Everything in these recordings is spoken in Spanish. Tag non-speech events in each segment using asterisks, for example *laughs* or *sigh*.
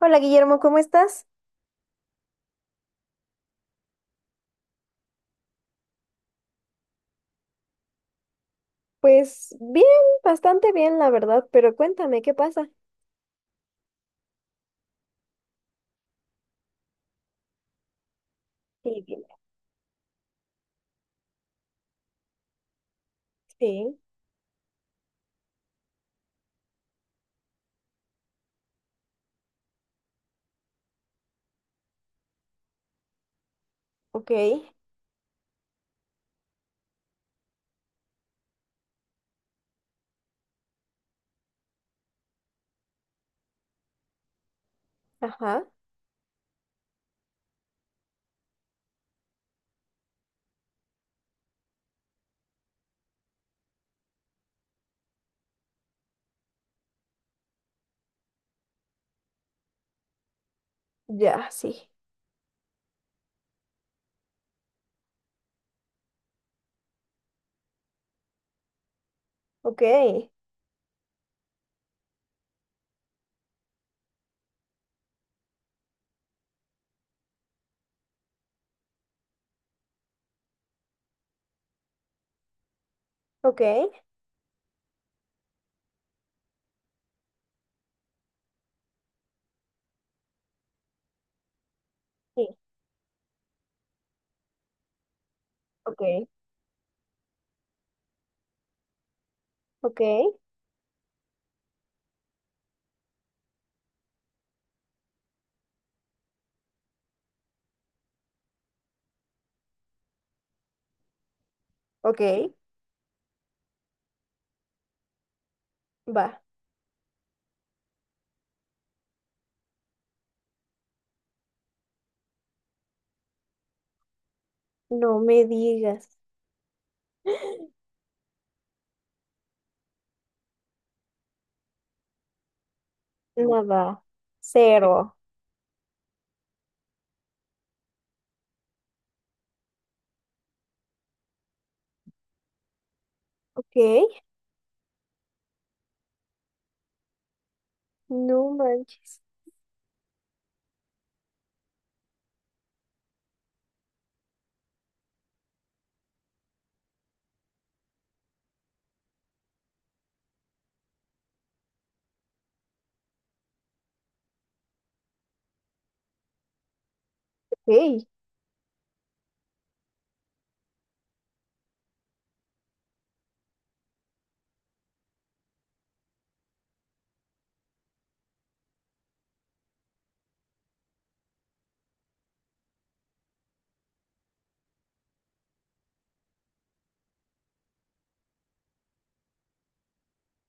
Hola Guillermo, ¿cómo estás? Pues bien, bastante bien, la verdad, pero cuéntame, ¿qué pasa? Sí, bien. Sí, ok, ajá, ya, sí, ok, ok, sí, ok, ok, ok, va, no me digas, *gasps* nada, cero, ok, no manches, ok,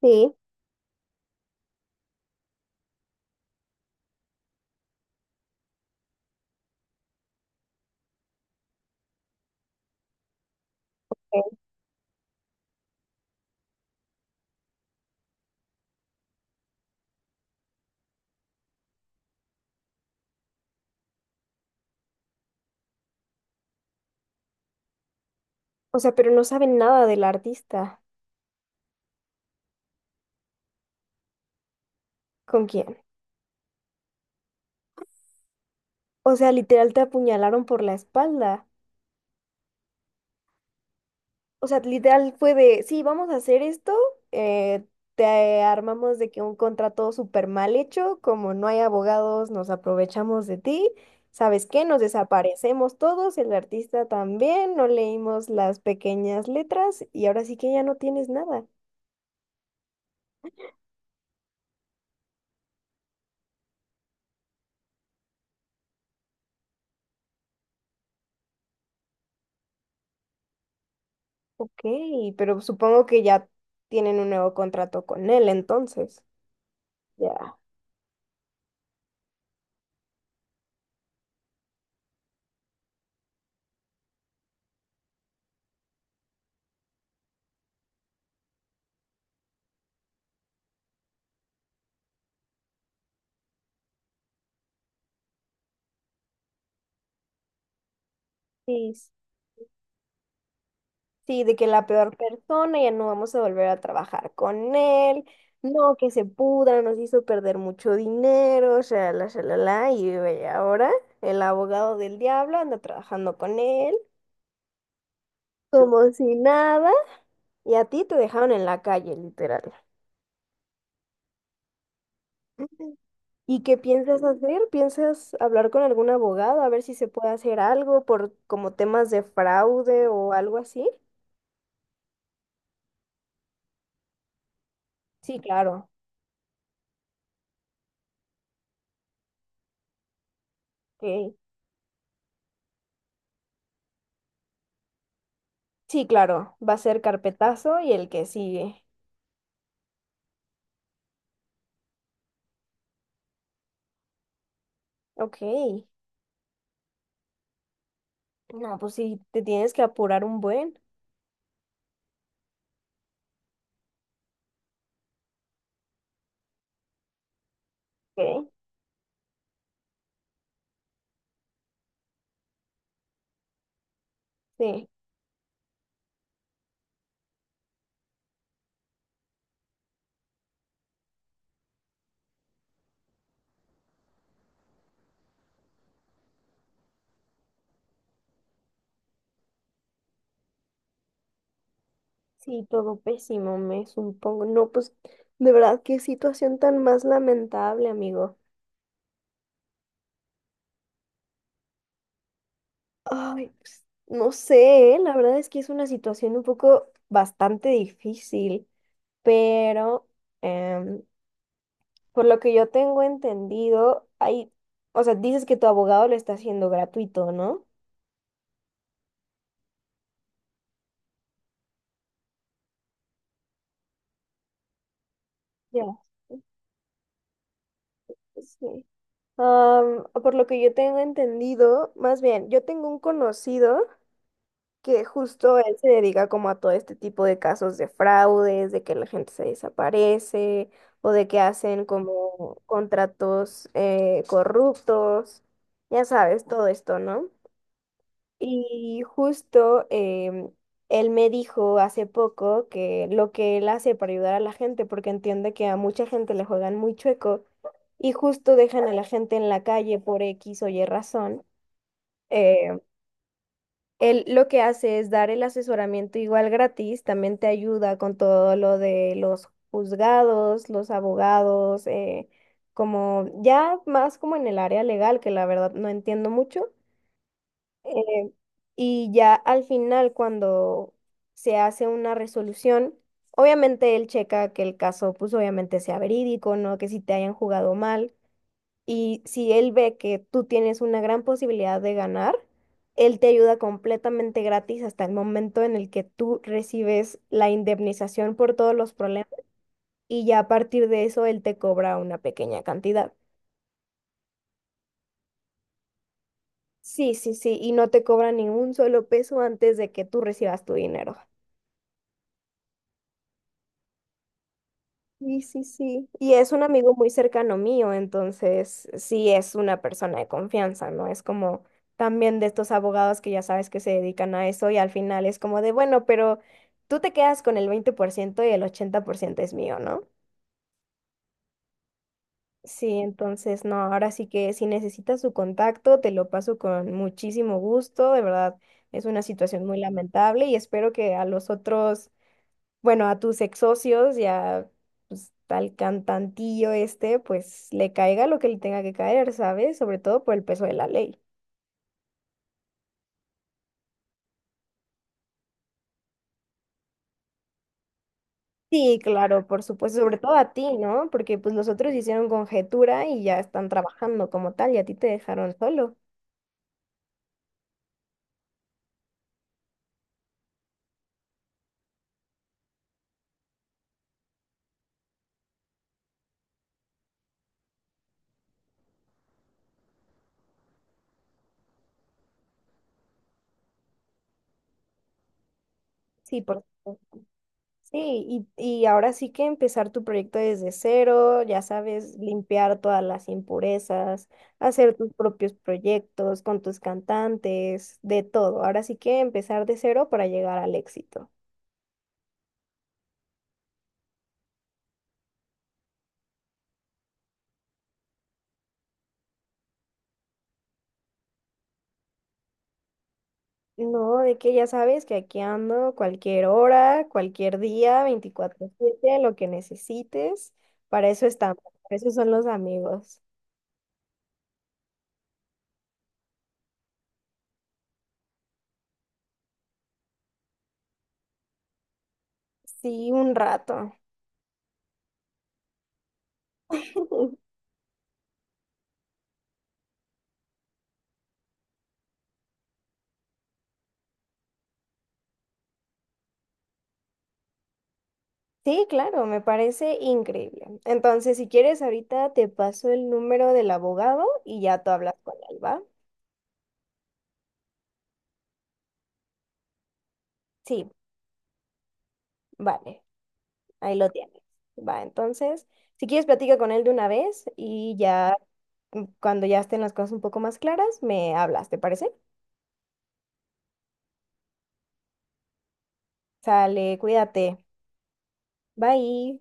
sí, ok. O sea, pero no saben nada del artista, ¿con quién? O sea, literal te apuñalaron por la espalda. O sea, literal fue de, sí, vamos a hacer esto, eh, te armamos de que un contrato súper mal hecho, como no hay abogados, nos aprovechamos de ti, ¿sabes qué? Nos desaparecemos todos, el artista también, no leímos las pequeñas letras y ahora sí que ya no tienes nada. Ok, pero supongo que ya tienen un nuevo contrato con él entonces. Ya. Sí, sí, de que la peor persona ya no vamos a volver a trabajar con él, no, que se pudra, nos hizo perder mucho dinero, shalala, shalala, y ve ahora el abogado del diablo anda trabajando con él, como si nada, y a ti te dejaron en la calle, literal. ¿Y qué piensas hacer? ¿Piensas hablar con algún abogado a ver si se puede hacer algo por como temas de fraude o algo así? Sí, claro. Ok. Sí, claro. Va a ser carpetazo y el que sigue. Ok. No, pues sí, te tienes que apurar un buen. Ok. Sí, sí, todo pésimo, me supongo. No, pues de verdad, qué situación tan más lamentable, amigo. Ay, pues, no sé, ¿eh? La verdad es que es una situación un poco bastante difícil, pero em, por lo que yo tengo entendido, hay, o sea, dices que tu abogado lo está haciendo gratuito, ¿no? Ya. Sí. Por lo que yo tengo entendido, más bien, yo tengo un conocido que justo él se dedica como a todo este tipo de casos de fraudes, de que la gente se desaparece o de que hacen como contratos corruptos, ya sabes, todo esto, ¿no? Y justo él me dijo hace poco que lo que él hace para ayudar a la gente, porque entiende que a mucha gente le juegan muy chueco y justo dejan a la gente en la calle por X o Y razón, eh, él lo que hace es dar el asesoramiento igual gratis, también te ayuda con todo lo de los juzgados, los abogados, como ya más como en el área legal, que la verdad no entiendo mucho. eh, y ya al final, cuando se hace una resolución, obviamente él checa que el caso, pues obviamente sea verídico, ¿no? Que si te hayan jugado mal. Y si él ve que tú tienes una gran posibilidad de ganar, él te ayuda completamente gratis hasta el momento en el que tú recibes la indemnización por todos los problemas y ya a partir de eso él te cobra una pequeña cantidad. Sí, sí, sí, y no te cobra ningún solo peso antes de que tú recibas tu dinero. Sí, sí, sí. Y es un amigo muy cercano mío, entonces sí es una persona de confianza, ¿no? Es como también de estos abogados que ya sabes que se dedican a eso y al final es como de, bueno, pero tú te quedas con el 20% y el 80% es mío, ¿no? Sí, entonces no, ahora sí que si necesitas su contacto, te lo paso con muchísimo gusto, de verdad, es una situación muy lamentable y espero que a los otros bueno, a tus ex socios y a pues, al cantantillo este, pues le caiga lo que le tenga que caer, ¿sabes? Sobre todo por el peso de la ley. Sí, claro, por supuesto, sobre todo a ti, ¿no? Porque pues los otros hicieron conjetura y ya están trabajando como tal y a ti te dejaron solo. Sí, por supuesto. Sí, y ahora sí que empezar tu proyecto desde cero, ya sabes, limpiar todas las impurezas, hacer tus propios proyectos con tus cantantes, de todo. Ahora sí que empezar de cero para llegar al éxito. No, de que ya sabes que aquí ando cualquier hora, cualquier día, 24/7 lo que necesites. Para eso estamos, para eso son los amigos. Sí, un rato. *laughs* Sí, claro, me parece increíble. Entonces, si quieres, ahorita te paso el número del abogado y ya tú hablas con él, ¿va? Sí, vale, ahí lo tienes. Va, entonces, si quieres, platica con él de una vez y ya cuando ya estén las cosas un poco más claras, me hablas, ¿te parece? Sale, cuídate. Bye.